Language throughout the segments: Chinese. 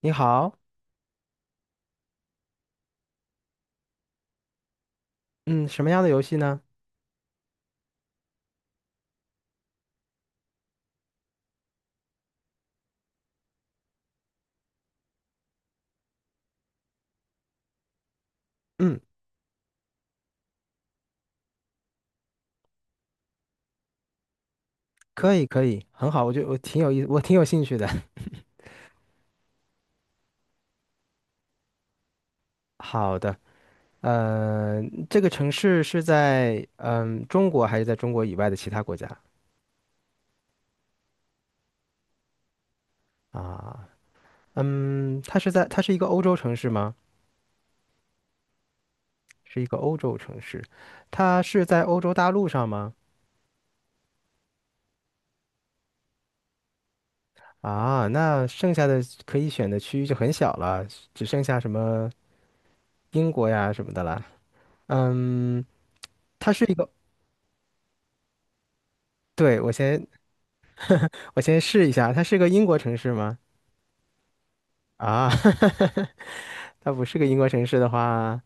你好，嗯，什么样的游戏呢？嗯，可以，可以，很好，我挺有意思，我挺有兴趣的。好的，呃，这个城市是在中国还是在中国以外的其他国家啊？嗯，它是一个欧洲城市吗？是一个欧洲城市，它是在欧洲大陆上吗？啊，那剩下的可以选的区域就很小了，只剩下什么英国呀什么的了。嗯，它是一个，对，我先试一下，它是个英国城市吗？啊，它不是个英国城市的话，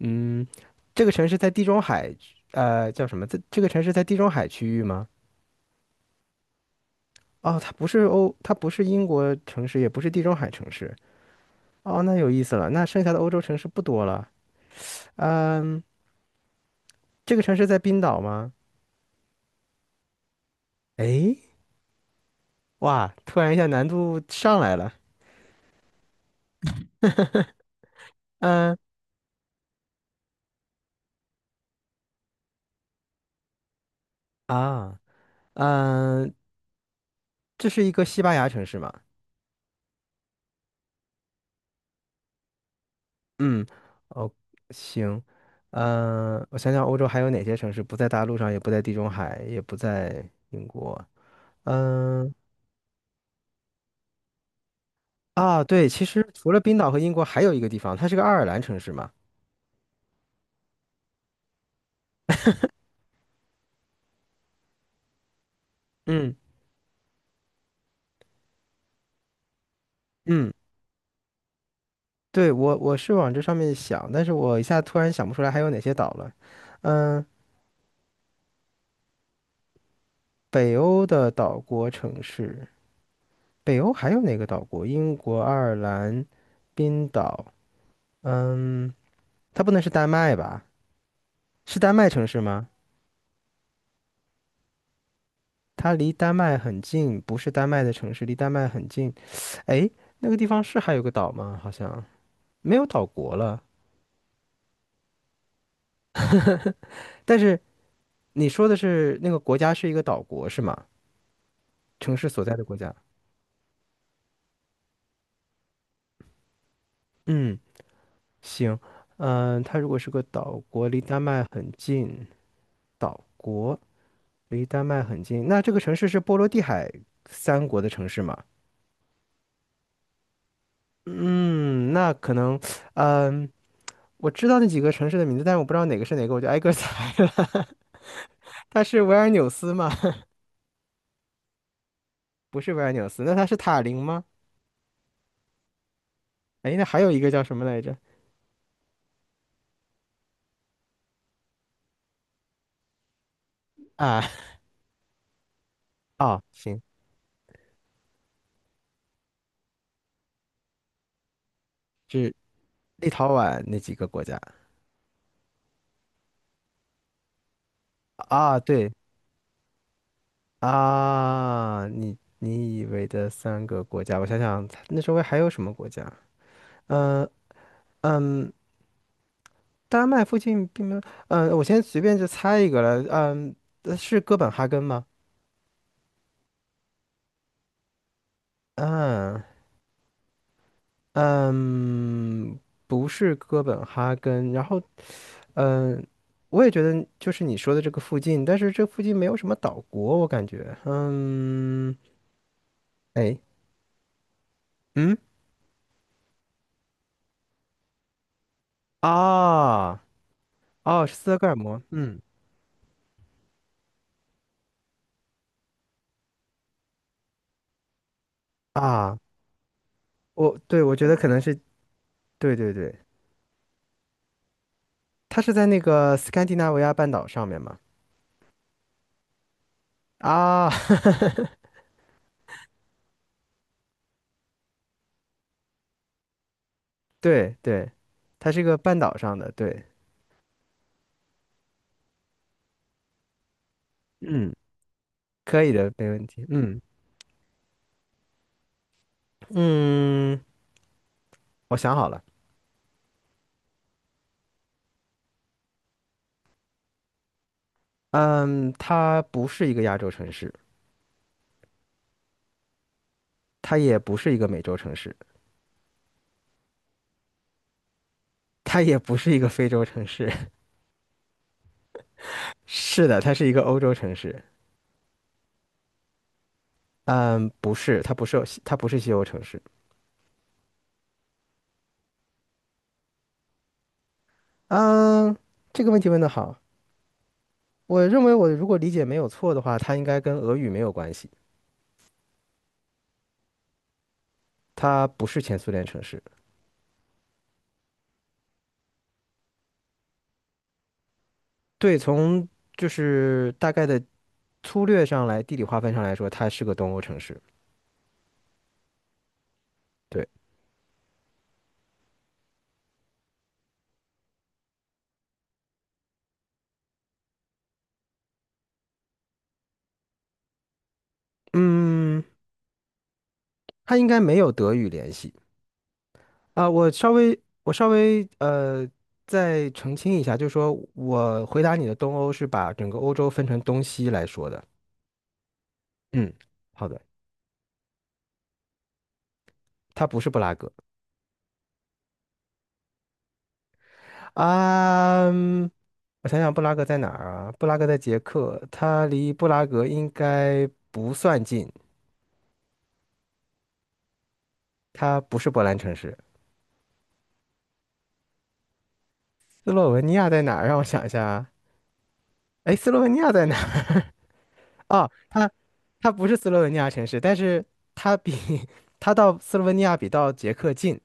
嗯，这个城市在地中海，呃，叫什么？这个城市在地中海区域吗？哦，它不是英国城市，也不是地中海城市。哦，那有意思了，那剩下的欧洲城市不多了。嗯，这个城市在冰岛吗？诶，哇，突然一下难度上来了。嗯啊，嗯，这是一个西班牙城市吗？嗯，哦，行，我想想，欧洲还有哪些城市不在大陆上，也不在地中海，也不在英国？嗯、啊，对，其实除了冰岛和英国，还有一个地方，它是个爱尔兰城市嘛。嗯嗯，对，我是往这上面想，但是我一下突然想不出来还有哪些岛了。嗯、北欧的岛国城市，北欧还有哪个岛国？英国、爱尔兰、冰岛。嗯，它不能是丹麦吧？是丹麦城市吗？它离丹麦很近，不是丹麦的城市，离丹麦很近。哎，那个地方是还有个岛吗？好像没有岛国了。但是你说的是那个国家是一个岛国是吗？城市所在的国家。嗯，行，它如果是个岛国，离丹麦很近，岛国那这个城市是波罗的海三国的城市吗？嗯，那可能，嗯、我知道那几个城市的名字，但是我不知道哪个是哪个，我就挨个 猜了。它是维尔纽斯吗？不是维尔纽斯，那他是塔林吗？哎，那还有一个叫什么来着？啊，哦，行，是立陶宛那几个国家。啊，对，啊，你以为的三个国家，我想想，那周围还有什么国家？嗯，丹麦附近并没有，我先随便就猜一个了，是哥本哈根吗？嗯嗯，不是哥本哈根，然后嗯，我也觉得就是你说的这个附近，但是这附近没有什么岛国，我感觉。嗯，哎，嗯，啊，哦，是斯德哥尔摩。嗯，啊，我觉得可能是对对对，它是在那个斯堪的纳维亚半岛上面嘛。啊，对对，它是一个半岛上的，对，嗯，可以的，没问题。嗯嗯，我想好了，嗯，它不是一个亚洲城市，它也不是一个美洲城市。它也不是一个非洲城市，是的，它是一个欧洲城市。嗯，不是，它不是西欧城市。嗯，这个问题问得好，我认为我如果理解没有错的话，它应该跟俄语没有关系，它不是前苏联城市。对，从就是大概的粗略上来，地理划分上来说，它是个东欧城市。对，嗯，它应该没有德语联系。啊，我稍微再澄清一下，就是说我回答你的东欧是把整个欧洲分成东西来说的。嗯，好的，它不是布拉格啊。嗯我想想，布拉格在哪儿啊？布拉格在捷克，它离布拉格应该不算近，它不是波兰城市。斯洛文尼亚在哪儿？让我想一下啊，哎，斯洛文尼亚在哪儿？哦，它不是斯洛文尼亚城市，但是它比 它到斯洛文尼亚比到捷克近。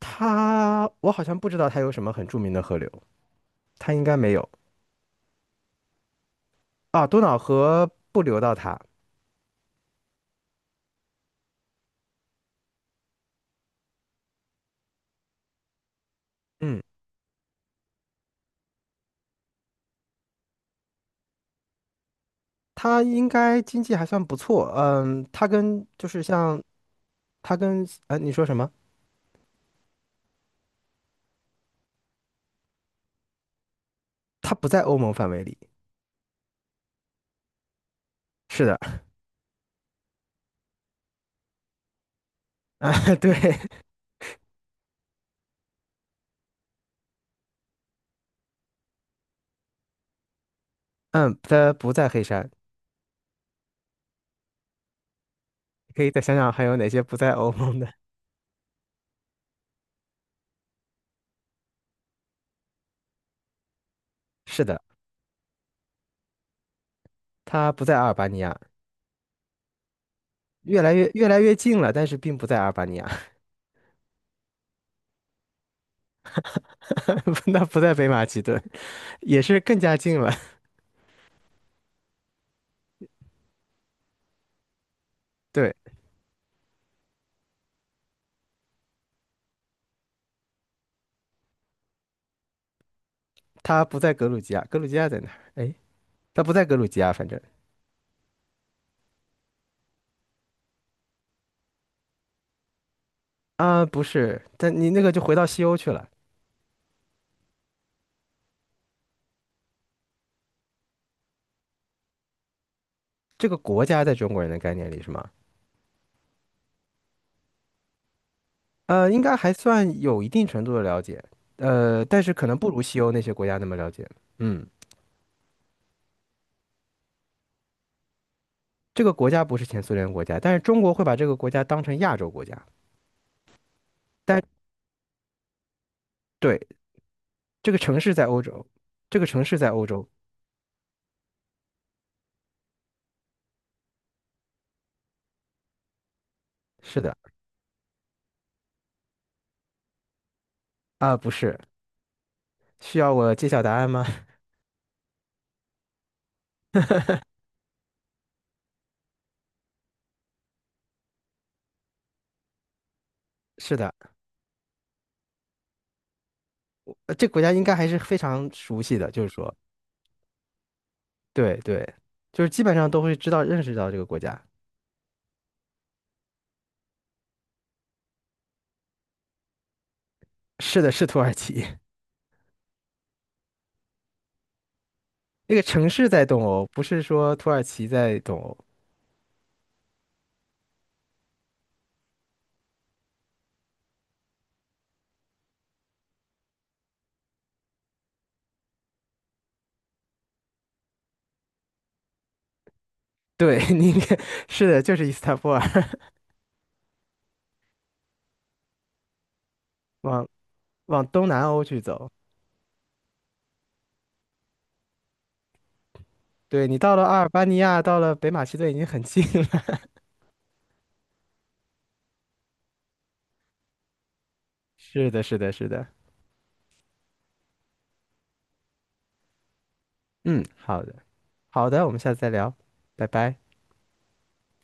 它我好像不知道它有什么很著名的河流，它应该没有啊。多瑙河不流到它，嗯，它应该经济还算不错，嗯，它跟就是像它跟呃你说什么？它不在欧盟范围里，是的，啊，对，嗯，它不在黑山，可以再想想还有哪些不在欧盟的，是的，它不在阿尔巴尼亚。越来越近了，但是并不在阿尔巴尼亚，那不在北马其顿，也是更加近了。对，他不在格鲁吉亚，格鲁吉亚在哪儿？哎，他不在格鲁吉亚，反正啊，不是，但你那个就回到西欧去了。这个国家在中国人的概念里是吗？呃，应该还算有一定程度的了解，呃，但是可能不如西欧那些国家那么了解。嗯，这个国家不是前苏联国家，但是中国会把这个国家当成亚洲国家。但对，这个城市在欧洲，这个城市在欧洲，是的，啊，不是，需要我揭晓答案吗？是的，这个国家应该还是非常熟悉的，就是说。对对，就是基本上都会知道认识到这个国家。是的，是土耳其，那个城市在东欧，不是说土耳其在东欧。对，你应该是的，就是伊斯坦布尔，往往东南欧去走。对，你到了阿尔巴尼亚，到了北马其顿已经很近了。是的，是的，是的。嗯，好的，好的，我们下次再聊，拜拜。